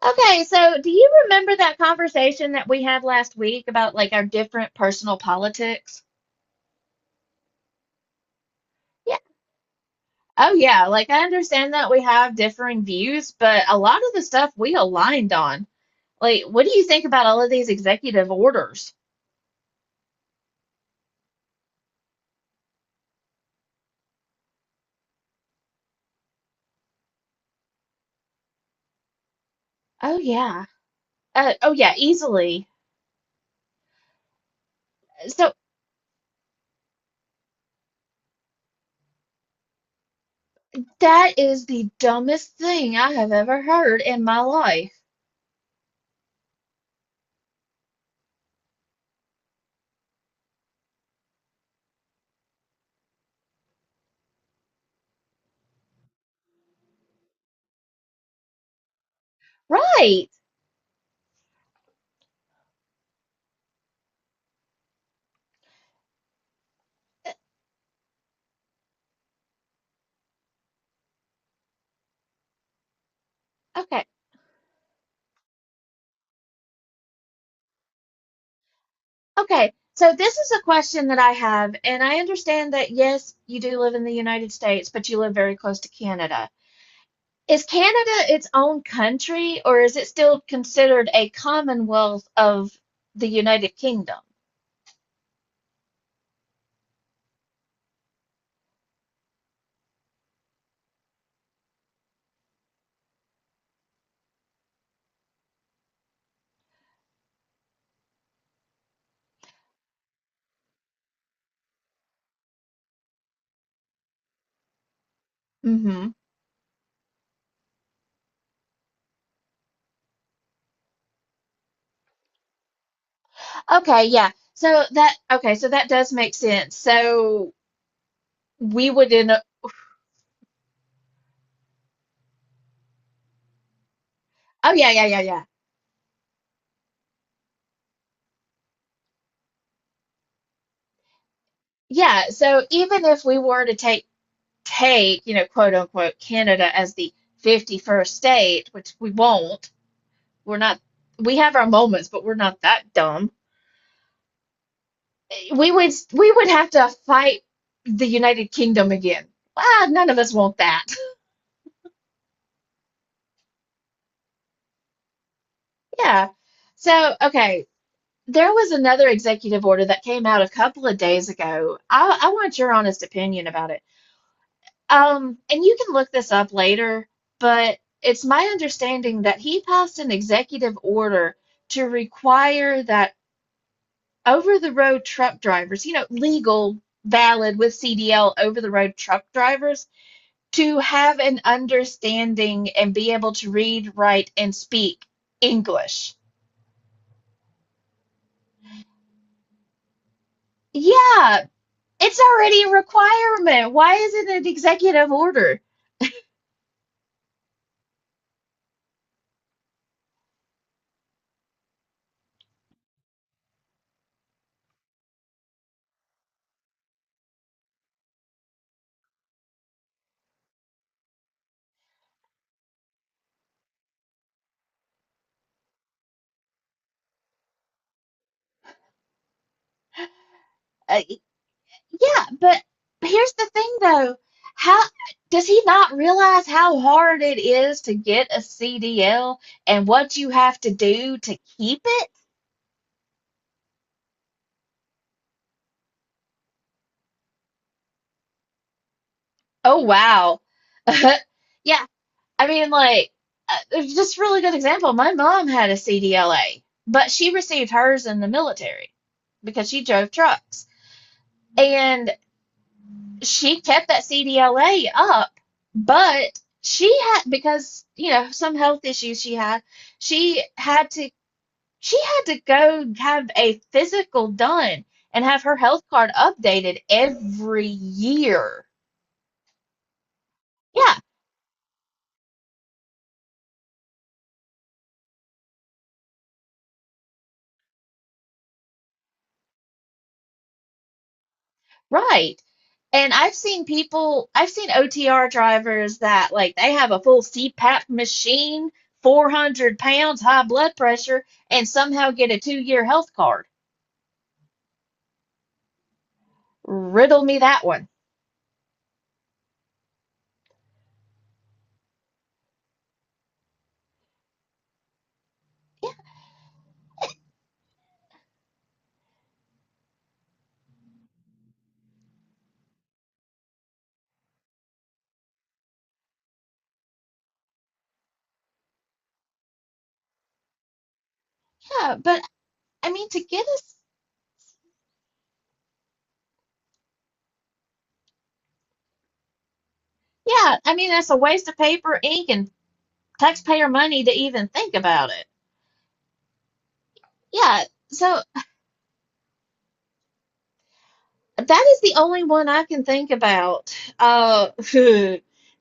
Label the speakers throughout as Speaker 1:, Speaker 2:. Speaker 1: Okay, so do you remember that conversation that we had last week about our different personal politics? Yeah. Oh, yeah. Like I understand that we have differing views, but a lot of the stuff we aligned on. Like, what do you think about all of these executive orders? Oh, yeah. Oh, yeah, easily. So that is the dumbest thing I have ever heard in my life. Right. Okay. Okay, so this is a question that I have, and I understand that yes, you do live in the United States, but you live very close to Canada. Is Canada its own country, or is it still considered a commonwealth of the United Kingdom? Hmm. Okay, yeah. So that okay, so that does make sense. So we would in a, oh yeah, yeah, yeah, yeah. Yeah, so even if we were to take you know, quote unquote Canada as the 51st state, which we won't. We're not, we have our moments, but we're not that dumb. We would have to fight the United Kingdom again. Well, none of us want that. Yeah. Okay, there was another executive order that came out a couple of days ago. I want your honest opinion about it. And you can look this up later, but it's my understanding that he passed an executive order to require that over the road truck drivers, you know, legal, valid with CDL over the road truck drivers to have an understanding and be able to read, write, and speak English. Yeah, it's already a requirement. Why is it an executive order? Uh, yeah, but here's the thing though. How does he not realize how hard it is to get a CDL and what you have to do to keep it? Oh, wow. Yeah, I mean, it's just a really good example. My mom had a CDLA, but she received hers in the military because she drove trucks. And she kept that CDLA up, but she had, because, you know, some health issues she had, she had to, she had to go have a physical done and have her health card updated every year. Yeah. Right. And I've seen people, I've seen OTR drivers that like they have a full CPAP machine, 400 pounds, high blood pressure, and somehow get a two-year health card. Riddle me that one. Yeah, but I mean, to get us, yeah, I mean, that's a waste of paper, ink, and taxpayer money to even think about it. Yeah. So that is the only one I can think about.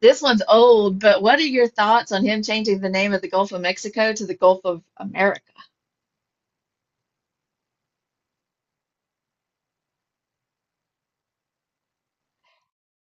Speaker 1: this one's old, but what are your thoughts on him changing the name of the Gulf of Mexico to the Gulf of America?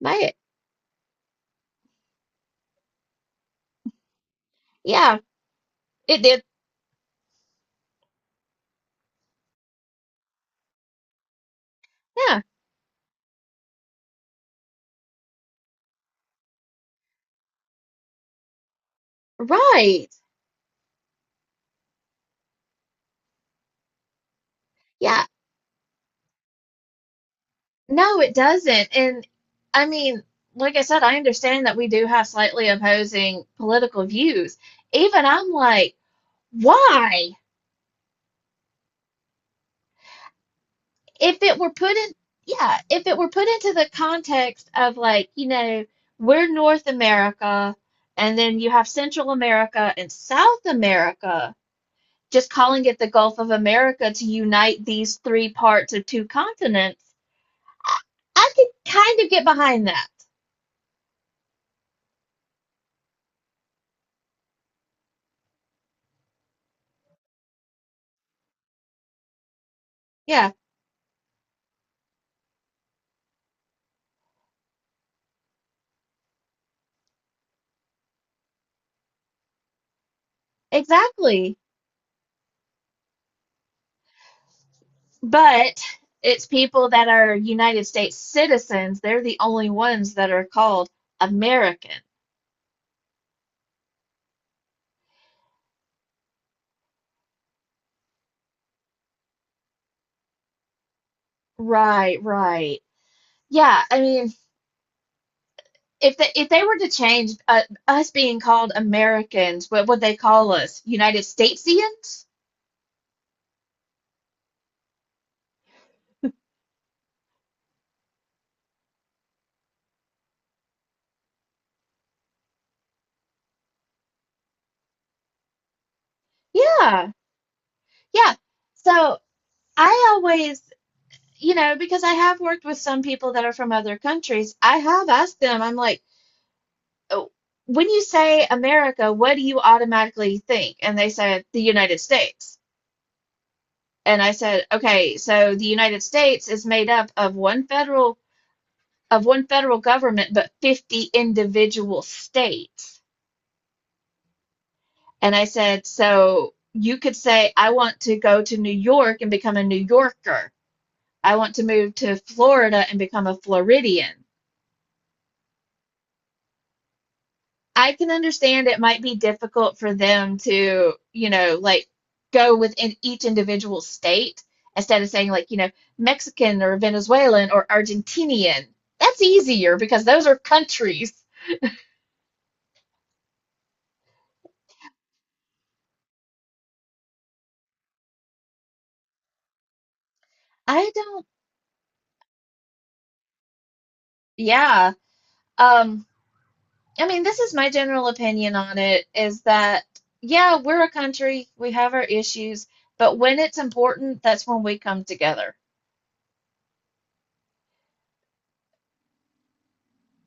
Speaker 1: May Yeah, it did. Yeah, right. Yeah, no, it doesn't. And I mean, like I said, I understand that we do have slightly opposing political views. Even I'm like, why? If it were put in, yeah, if it were put into the context of we're North America, and then you have Central America and South America, just calling it the Gulf of America to unite these three parts of two continents, I, I could kind of get behind that. Yeah, exactly. But it's people that are United States citizens, they're the only ones that are called American. Right, right. Yeah, I mean, if they were to change us being called Americans, what would they call us? United Statesians? Yeah, yeah. So I always, you know, because I have worked with some people that are from other countries, I have asked them. I'm like, oh, when you say America, what do you automatically think? And they said the United States. And I said, okay, so the United States is made up of one federal government, but 50 individual states. And I said, so you could say, I want to go to New York and become a New Yorker. I want to move to Florida and become a Floridian. I can understand it might be difficult for them to, you know, like, go within each individual state instead of saying, Mexican or Venezuelan or Argentinian. That's easier because those are countries. I don't, yeah. Um, I mean, this is my general opinion on it is that, yeah, we're a country, we have our issues, but when it's important, that's when we come together.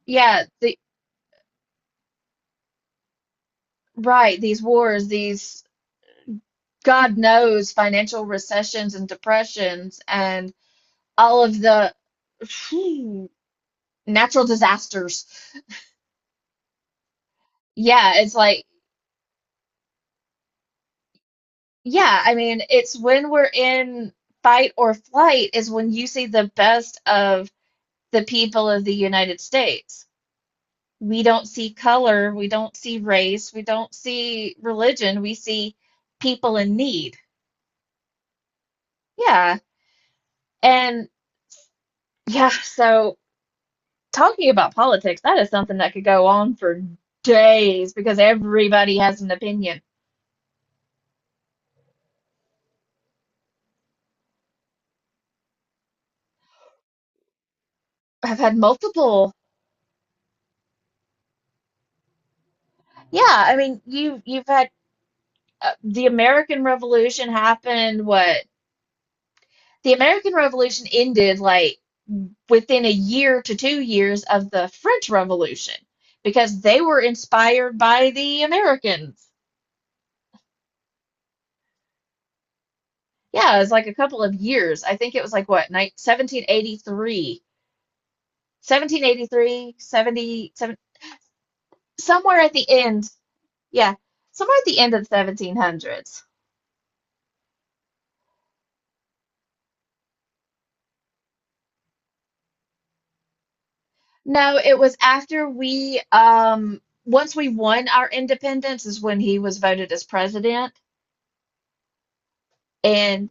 Speaker 1: Yeah, the right, these God knows financial recessions and depressions and all of the phew, natural disasters. Yeah, it's like, yeah, I mean, it's when we're in fight or flight is when you see the best of the people of the United States. We don't see color, we don't see race, we don't see religion, we see people in need. Yeah. And yeah, so talking about politics, that is something that could go on for days because everybody has an opinion. I've had multiple. Yeah, I mean, you've had the American Revolution happened, what? The American Revolution ended like within a year to 2 years of the French Revolution because they were inspired by the Americans. Yeah, it was like a couple of years. I think it was like what, 1783, somewhere at the end. Yeah, somewhere at the end of the 1700s. No, it was after we, once we won our independence, is when he was voted as president and.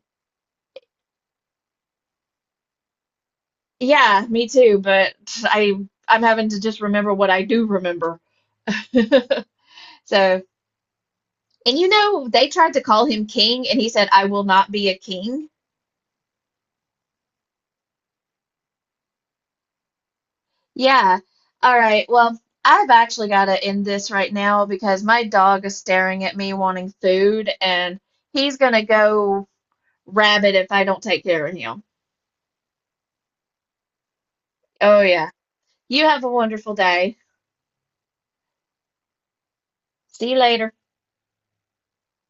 Speaker 1: Yeah, me too, but I I'm having to just remember what I do remember. So, and you know, they tried to call him king and he said, I will not be a king. Yeah. All right. Well, I've actually got to end this right now because my dog is staring at me wanting food and he's going to go rabid if I don't take care of him. Oh, yeah. You have a wonderful day. See you later.